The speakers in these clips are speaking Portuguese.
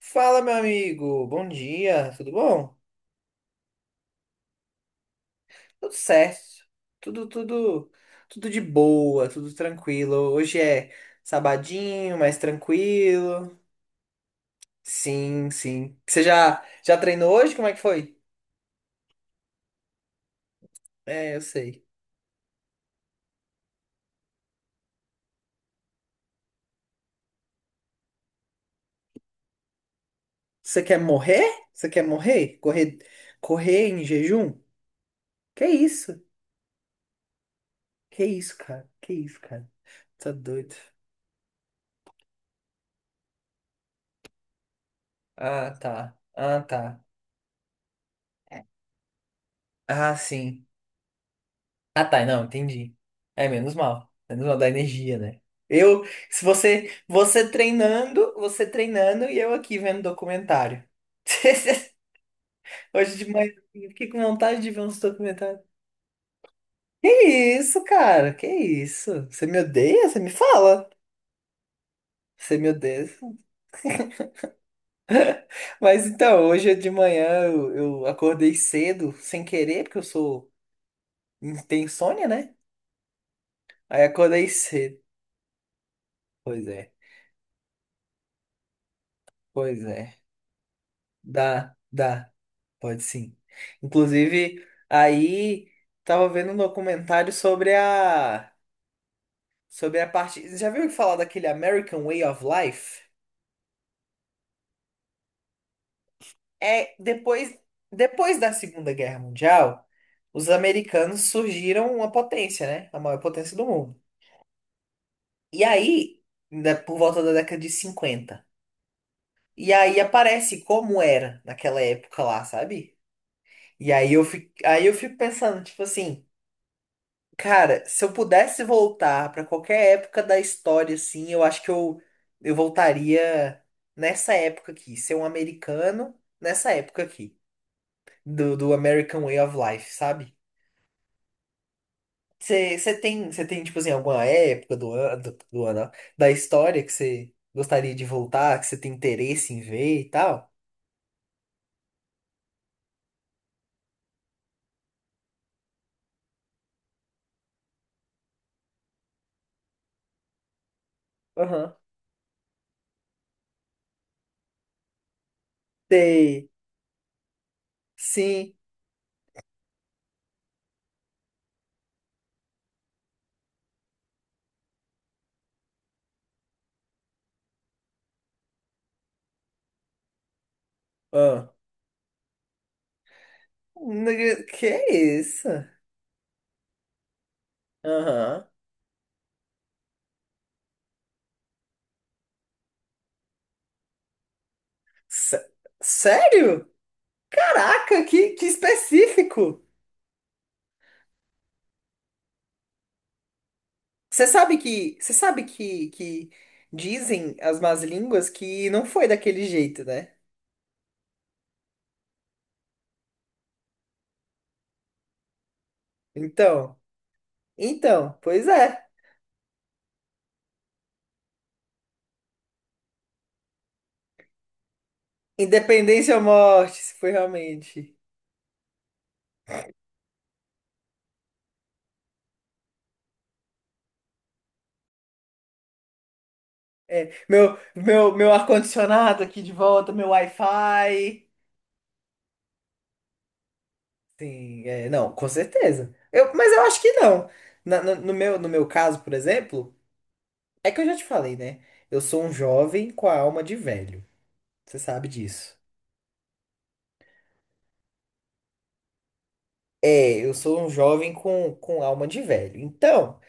Fala, meu amigo. Bom dia. Tudo bom? Tudo certo. Tudo, tudo, tudo, de boa, tudo tranquilo. Hoje é sabadinho, mais tranquilo. Sim, sim. Você já treinou hoje? Como é que foi? É, eu sei. Você quer morrer? Você quer morrer? Correr em jejum? Que isso? Que isso, cara? Que isso, cara? Tá doido. Ah, tá. Ah, tá. Ah, sim. Ah, tá, não, entendi. É menos mal. Menos mal da energia, né? Eu, Se você treinando, você treinando e eu aqui vendo documentário. Hoje de manhã, eu fiquei com vontade de ver uns documentários. Que isso, cara? Que isso? Você me odeia? Você me fala? Você me odeia? Mas então, hoje de manhã eu acordei cedo, sem querer, porque eu sou. Tem insônia, né? Aí acordei cedo. Pois é, pois é. Dá, dá. Pode sim. Inclusive, aí tava vendo um documentário sobre a parte. Você já viu falar daquele American Way of Life? É depois da Segunda Guerra Mundial, os americanos surgiram uma potência, né? A maior potência do mundo. E aí, ainda por volta da década de 50. E aí aparece como era naquela época lá, sabe? Aí eu fico pensando, tipo assim, cara, se eu pudesse voltar pra qualquer época da história, assim, eu acho que eu voltaria nessa época aqui, ser um americano nessa época aqui, do American Way of Life, sabe? Tipo assim, alguma época do ano, do ano, ó, da história que você gostaria de voltar, que você tem interesse em ver e tal? Aham. Sei. Sim. Ah. Nega- Que é isso? Aham. Sé- Sério? Caraca, que específico! Você sabe que dizem as más línguas que não foi daquele jeito, né? Então, então, pois é. Independência ou morte, se foi realmente. É, meu ar-condicionado aqui de volta, meu Wi-Fi. Sim, é, não, com certeza. Eu, mas eu acho que não. Na- no meu, no meu caso, por exemplo, é que eu já te falei, né? Eu sou um jovem com a alma de velho. Você sabe disso. É, eu sou um jovem com alma de velho. Então,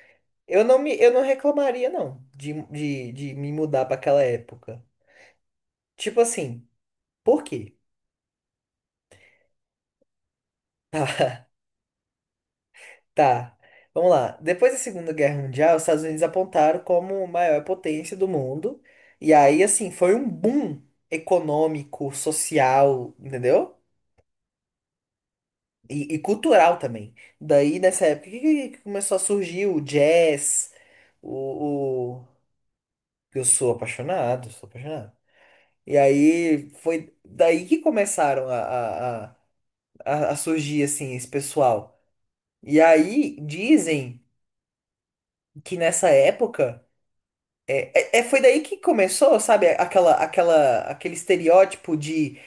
eu não reclamaria, não, de me mudar para aquela época. Tipo assim, por quê? Tá, tá, vamos lá. Depois da Segunda Guerra Mundial, os Estados Unidos apontaram como a maior potência do mundo. E aí, assim, foi um boom econômico, social, entendeu? E cultural também. Daí, nessa época, que começou a surgir o jazz, o- Eu sou apaixonado, sou apaixonado. E aí foi daí que começaram a surgir assim esse pessoal. E aí dizem que nessa época foi daí que começou, sabe, aquele estereótipo de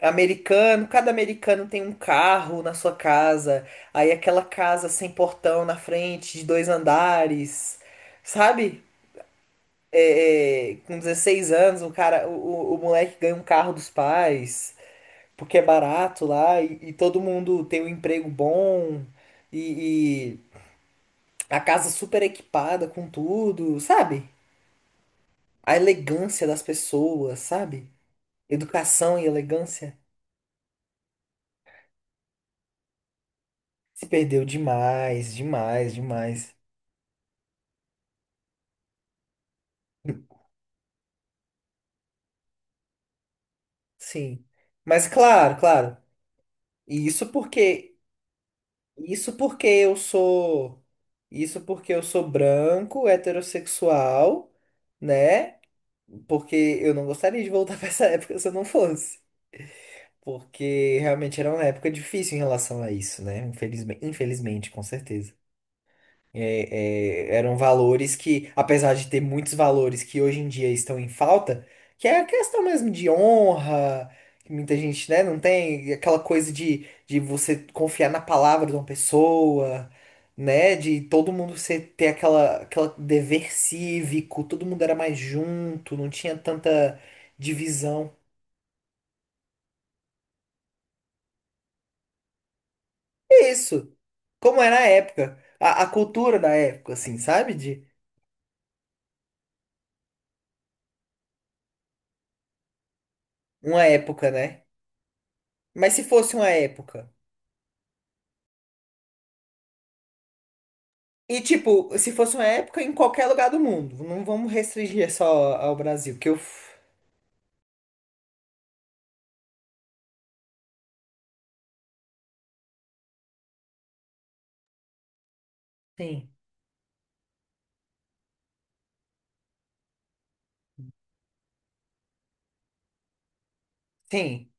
americano, cada americano tem um carro na sua casa, aí aquela casa sem portão na frente, de dois andares, sabe? É, é, com 16 anos, o cara, o moleque ganha um carro dos pais, porque é barato lá e todo mundo tem um emprego bom e a casa super equipada com tudo, sabe? A elegância das pessoas, sabe? Educação e elegância se perdeu demais, demais, demais. Sim. Mas claro, claro. E isso porque eu sou branco, heterossexual, né? Porque eu não gostaria de voltar pra essa época se eu não fosse. Porque realmente era uma época difícil em relação a isso, né? Infelizmente, infelizmente, com certeza. É, é, eram valores que, apesar de ter muitos valores que hoje em dia estão em falta, que é a questão mesmo de honra, que muita gente, né, não tem aquela coisa de você confiar na palavra de uma pessoa, né? De todo mundo ser, ter aquela, aquela dever cívico, todo mundo era mais junto, não tinha tanta divisão. É isso. Como era a época, a cultura da época, assim, sabe? De uma época, né? Mas se fosse uma época. E, tipo, se fosse uma época em qualquer lugar do mundo, não vamos restringir só ao Brasil, que eu. F- Sim. Sim,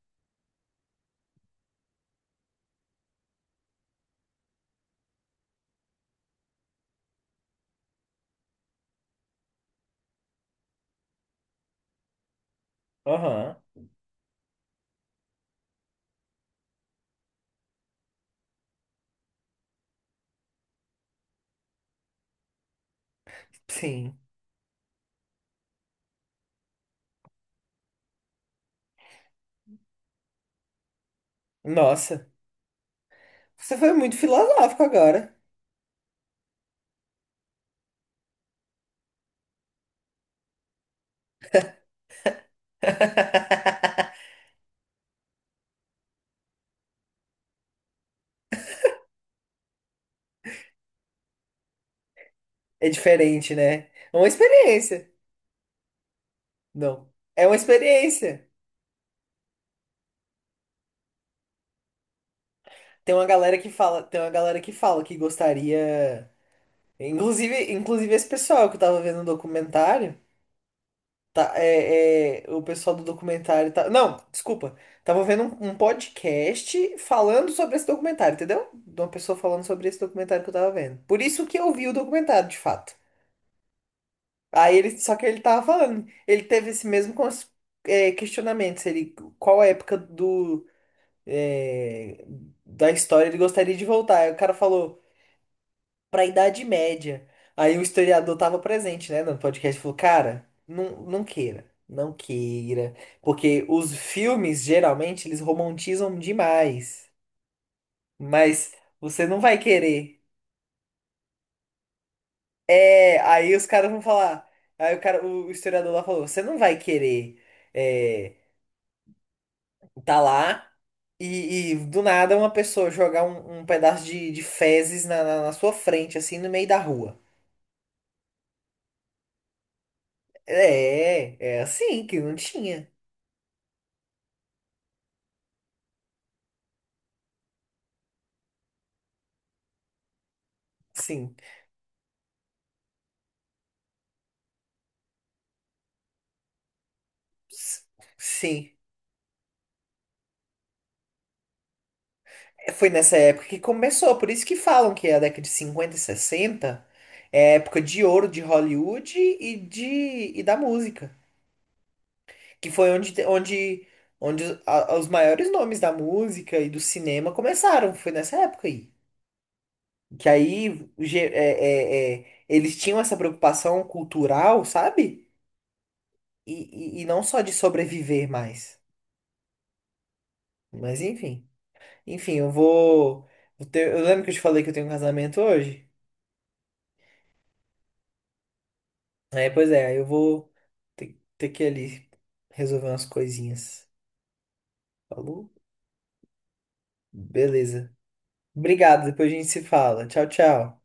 aham, sim. Nossa, você foi muito filosófico agora. É diferente, né? É uma experiência. Não, é uma experiência. Tem uma galera que fala que gostaria. Inclusive, inclusive esse pessoal que eu tava vendo no documentário, tá, o pessoal do documentário tá, não, desculpa, tava vendo um, um podcast falando sobre esse documentário, entendeu? De uma pessoa falando sobre esse documentário que eu tava vendo. Por isso que eu vi o documentário, de fato. Aí ele, só que ele tava falando, ele teve esse mesmo questionamento, se ele, qual época é, da história ele gostaria de voltar. Aí o cara falou para a Idade Média. Aí o historiador estava presente, né, no podcast, e falou, cara, não, não queira, não queira, porque os filmes geralmente eles romantizam demais, mas você não vai querer. É, aí os caras vão falar, aí o cara, o historiador lá falou, você não vai querer é, tá lá e do nada uma pessoa jogar um, um pedaço de fezes na sua frente, assim, no meio da rua. É, é assim que não tinha. Sim. Sim, é, foi nessa época que começou, por isso que falam que é a década de 50 e 60 é a época de ouro de Hollywood e, de, e da música, que foi onde, onde a- os maiores nomes da música e do cinema começaram, foi nessa época aí. Que aí eles tinham essa preocupação cultural, sabe? E, e não só de sobreviver mais, mas enfim. Enfim, eu vou... eu lembro que eu te falei que eu tenho um casamento hoje? É, pois é, aí eu vou ter que ir ali resolver umas coisinhas. Falou? Beleza. Obrigado, depois a gente se fala. Tchau, tchau.